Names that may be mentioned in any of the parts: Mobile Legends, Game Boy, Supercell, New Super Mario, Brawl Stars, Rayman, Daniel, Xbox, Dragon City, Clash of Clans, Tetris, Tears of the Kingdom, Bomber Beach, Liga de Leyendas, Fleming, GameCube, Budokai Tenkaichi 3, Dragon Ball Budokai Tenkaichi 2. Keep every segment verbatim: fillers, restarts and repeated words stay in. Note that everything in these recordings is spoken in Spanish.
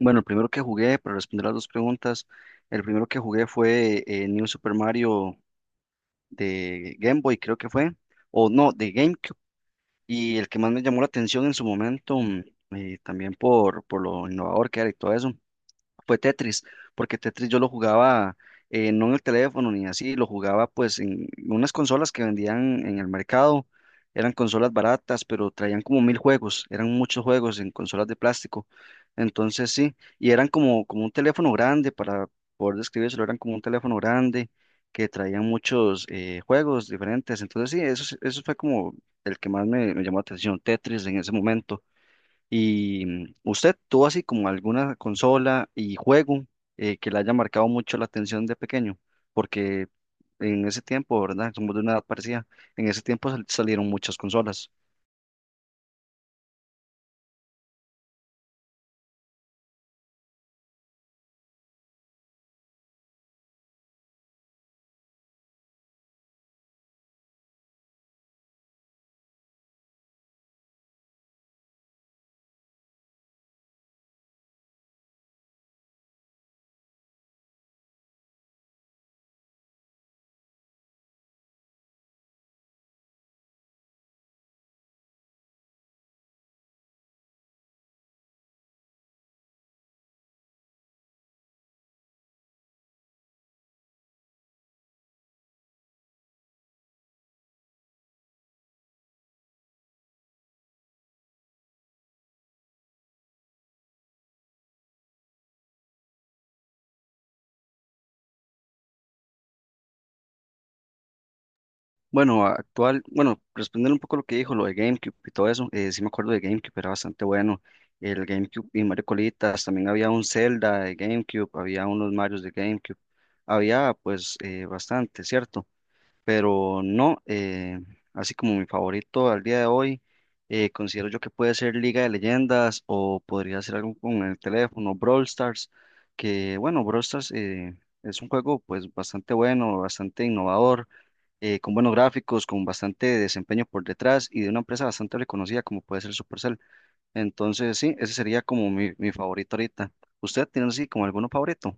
Bueno, el primero que jugué, para responder las dos preguntas, el primero que jugué fue eh, New Super Mario de Game Boy, creo que fue, o no, de GameCube. Y el que más me llamó la atención en su momento, mm, eh, también por, por lo innovador que era y todo eso, fue Tetris, porque Tetris yo lo jugaba eh, no en el teléfono ni así, lo jugaba pues en unas consolas que vendían en el mercado. Eran consolas baratas, pero traían como mil juegos, eran muchos juegos en consolas de plástico, entonces sí. Y eran como, como un teléfono grande, para poder describírselo, eran como un teléfono grande que traían muchos eh, juegos diferentes, entonces sí, eso, es- eso fue como el que más me, me llamó la atención, Tetris en ese momento. ¿Y mm, usted tuvo así como alguna consola y juego eh, que le haya marcado mucho la atención de pequeño? Porque en ese tiempo, ¿verdad? Somos de una edad parecida. En ese tiempo sal- salieron muchas consolas. Bueno, actual, bueno, respondiendo un poco lo que dijo, lo de GameCube y todo eso, eh, sí me acuerdo de GameCube, era bastante bueno. El GameCube y Mario Colitas, también había un Zelda de GameCube, había unos Marios de GameCube, había pues eh, bastante, ¿cierto? Pero no, eh, así como mi favorito al día de hoy, eh, considero yo que puede ser Liga de Leyendas o podría ser algo con el teléfono, Brawl Stars, que bueno, Brawl Stars eh, es un juego pues bastante bueno, bastante innovador, eh, con buenos gráficos, con bastante desempeño por detrás y de una empresa bastante reconocida como puede ser Supercell. Entonces sí, ese sería como mi, mi favorito ahorita. ¿Usted tiene así como alguno favorito?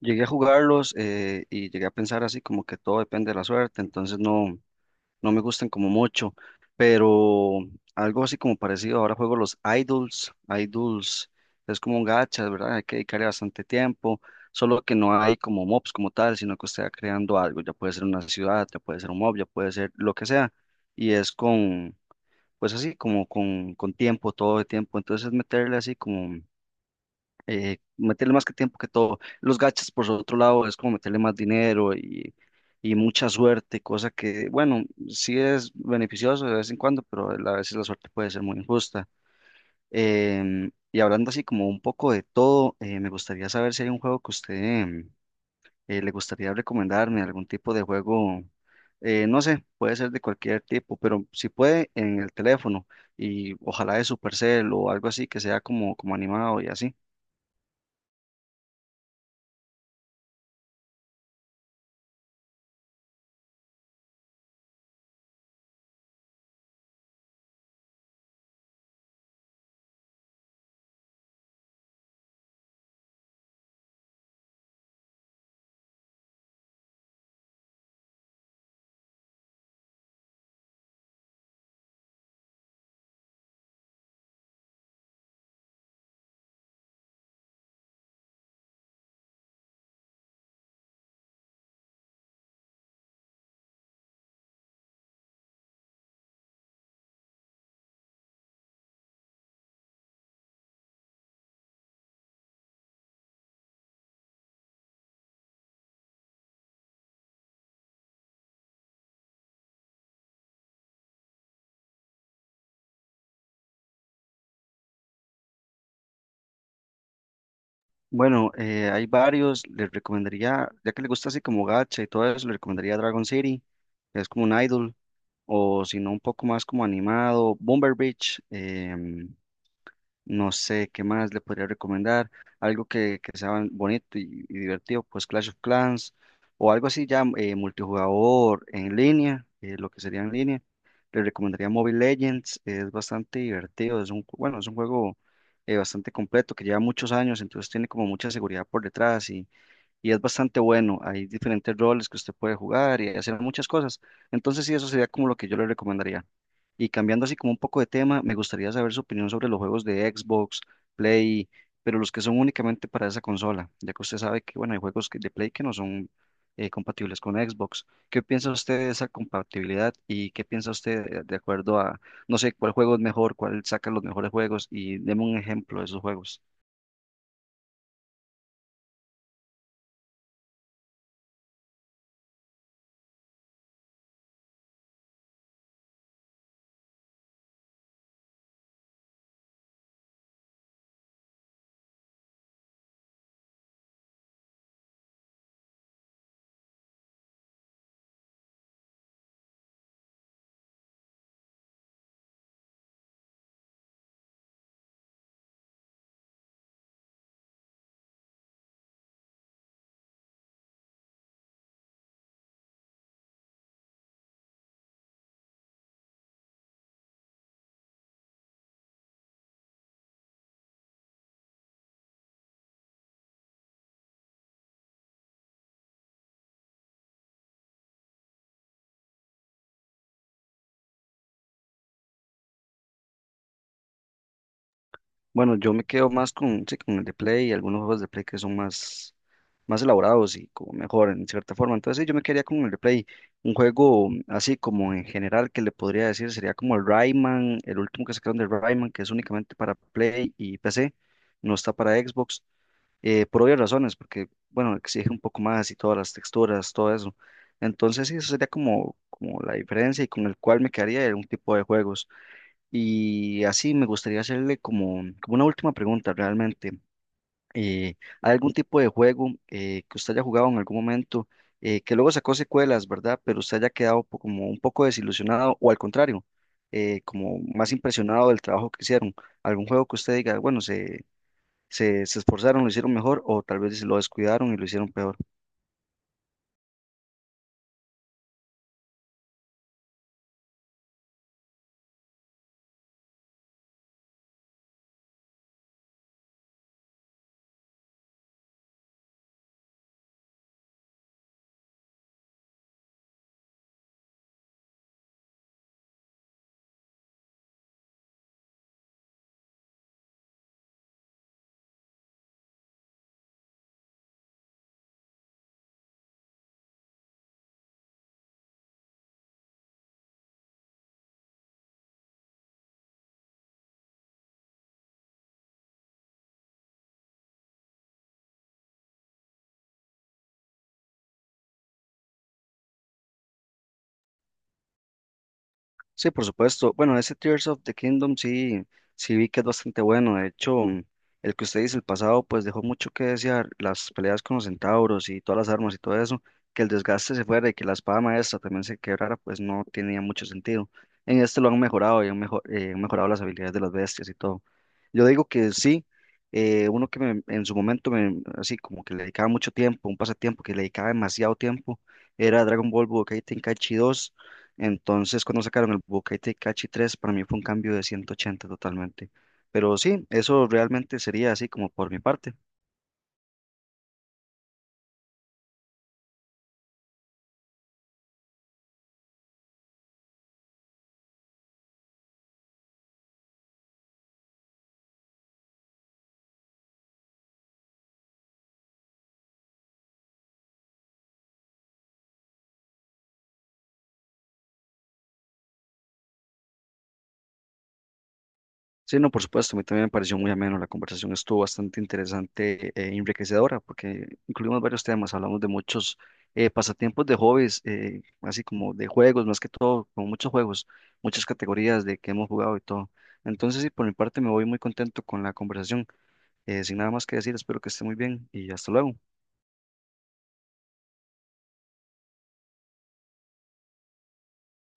Llegué a jugarlos eh, y llegué a pensar así como que todo depende de la suerte, entonces no, no me gustan como mucho, pero algo así como parecido. Ahora juego los idols, idols es como un gacha, ¿verdad? Hay que dedicarle bastante tiempo, solo que no hay como mobs como tal, sino que usted va creando algo, ya puede ser una ciudad, ya puede ser un mob, ya puede ser lo que sea, y es con, pues así, como con, con tiempo, todo el tiempo, entonces es meterle así como eh, meterle más que tiempo que todo. Los gachas, por otro lado, es como meterle más dinero y, y mucha suerte, cosa que, bueno, sí es beneficioso de vez en cuando, pero a veces la suerte puede ser muy injusta. Em, y hablando así como un poco de todo, eh, me gustaría saber si hay un juego que usted em, eh, le gustaría recomendarme, algún tipo de juego, eh, no sé, puede ser de cualquier tipo, pero si puede en el teléfono y ojalá de Supercell o algo así que sea como, como animado y así. Bueno, eh, hay varios, les recomendaría, ya que le gusta así como gacha y todo eso, le recomendaría Dragon City, que es como un idol, o si no un poco más como animado, Bomber Beach. Em, no sé qué más le podría recomendar. Algo que, que sea bonito y, y divertido, pues Clash of Clans o algo así ya eh, multijugador en línea, eh, lo que sería en línea. Le recomendaría Mobile Legends, es bastante divertido, es un, ju- bueno, es un juego eh, bastante completo que lleva muchos años, entonces tiene como mucha seguridad por detrás y es bastante bueno. Hay diferentes roles que usted puede jugar y hacer muchas cosas. Entonces, sí, eso sería como lo que yo le recomendaría. Y cambiando así como un poco de tema, me gustaría saber su opinión sobre los juegos de Xbox, Play, pero los que son únicamente para esa consola, ya que usted sabe que, bueno, hay juegos que- de Play que no son eh, compatibles con Xbox. ¿Qué piensa usted de esa compatibilidad y qué piensa usted de de acuerdo a, no sé, cuál juego es mejor, cuál saca los mejores juegos y deme un ejemplo de esos juegos? Bueno, yo me quedo más con, sí, con el de Play y algunos juegos de Play que son más, más elaborados y como mejor en cierta forma. Entonces, sí, yo me quedaría con el de Play. Un juego así como en general que le podría decir sería como el Rayman, el último que sacaron de Rayman, que es únicamente para Play y P C, no está para Xbox, eh, por obvias razones, porque, bueno, exige un poco más y todas las texturas, todo eso. Entonces, sí, eso sería como, como la diferencia y con el cual me quedaría en un tipo de juegos. Y así me gustaría hacerle como, como una última pregunta realmente. Eh, ¿hay algún tipo de juego eh, que usted haya jugado en algún momento eh, que luego sacó secuelas, ¿verdad? Pero usted haya quedado po- como un poco desilusionado o al contrario, eh, como más impresionado del trabajo que hicieron? ¿Algún juego que usted diga, bueno, se, se, se esforzaron, lo hicieron mejor o tal vez lo descuidaron y lo hicieron peor? Sí, por supuesto. Bueno, ese Tears of the Kingdom sí, sí vi que es bastante bueno. De hecho, mm, el que usted dice, el pasado, pues dejó mucho que desear. Las peleas con los centauros y todas las armas y todo eso, que el desgaste se fuera y que la espada maestra también se quebrara, pues no tenía mucho sentido. En este lo han mejorado y han, mejo- eh, han mejorado las habilidades de las bestias y todo. Yo digo que sí, eh, uno que me- en su momento, me, así como que le dedicaba mucho tiempo, un pasatiempo que le dedicaba demasiado tiempo, era Dragon Ball Budokai Tenkaichi dos. Entonces, cuando sacaron el Budokai Tenkaichi tres, para mí fue un cambio de ciento ochenta totalmente. Pero sí, eso realmente sería así como por mi parte. Sí, no, por supuesto, a mí también me pareció muy ameno. La conversación estuvo bastante interesante e enriquecedora porque incluimos varios temas, hablamos de muchos eh, pasatiempos de hobbies, eh, así como de juegos, más que todo, como muchos juegos, muchas categorías de que hemos jugado y todo. Entonces, sí, por mi parte me voy muy contento con la conversación. Eh, sin nada más que decir, espero que esté muy bien y hasta luego.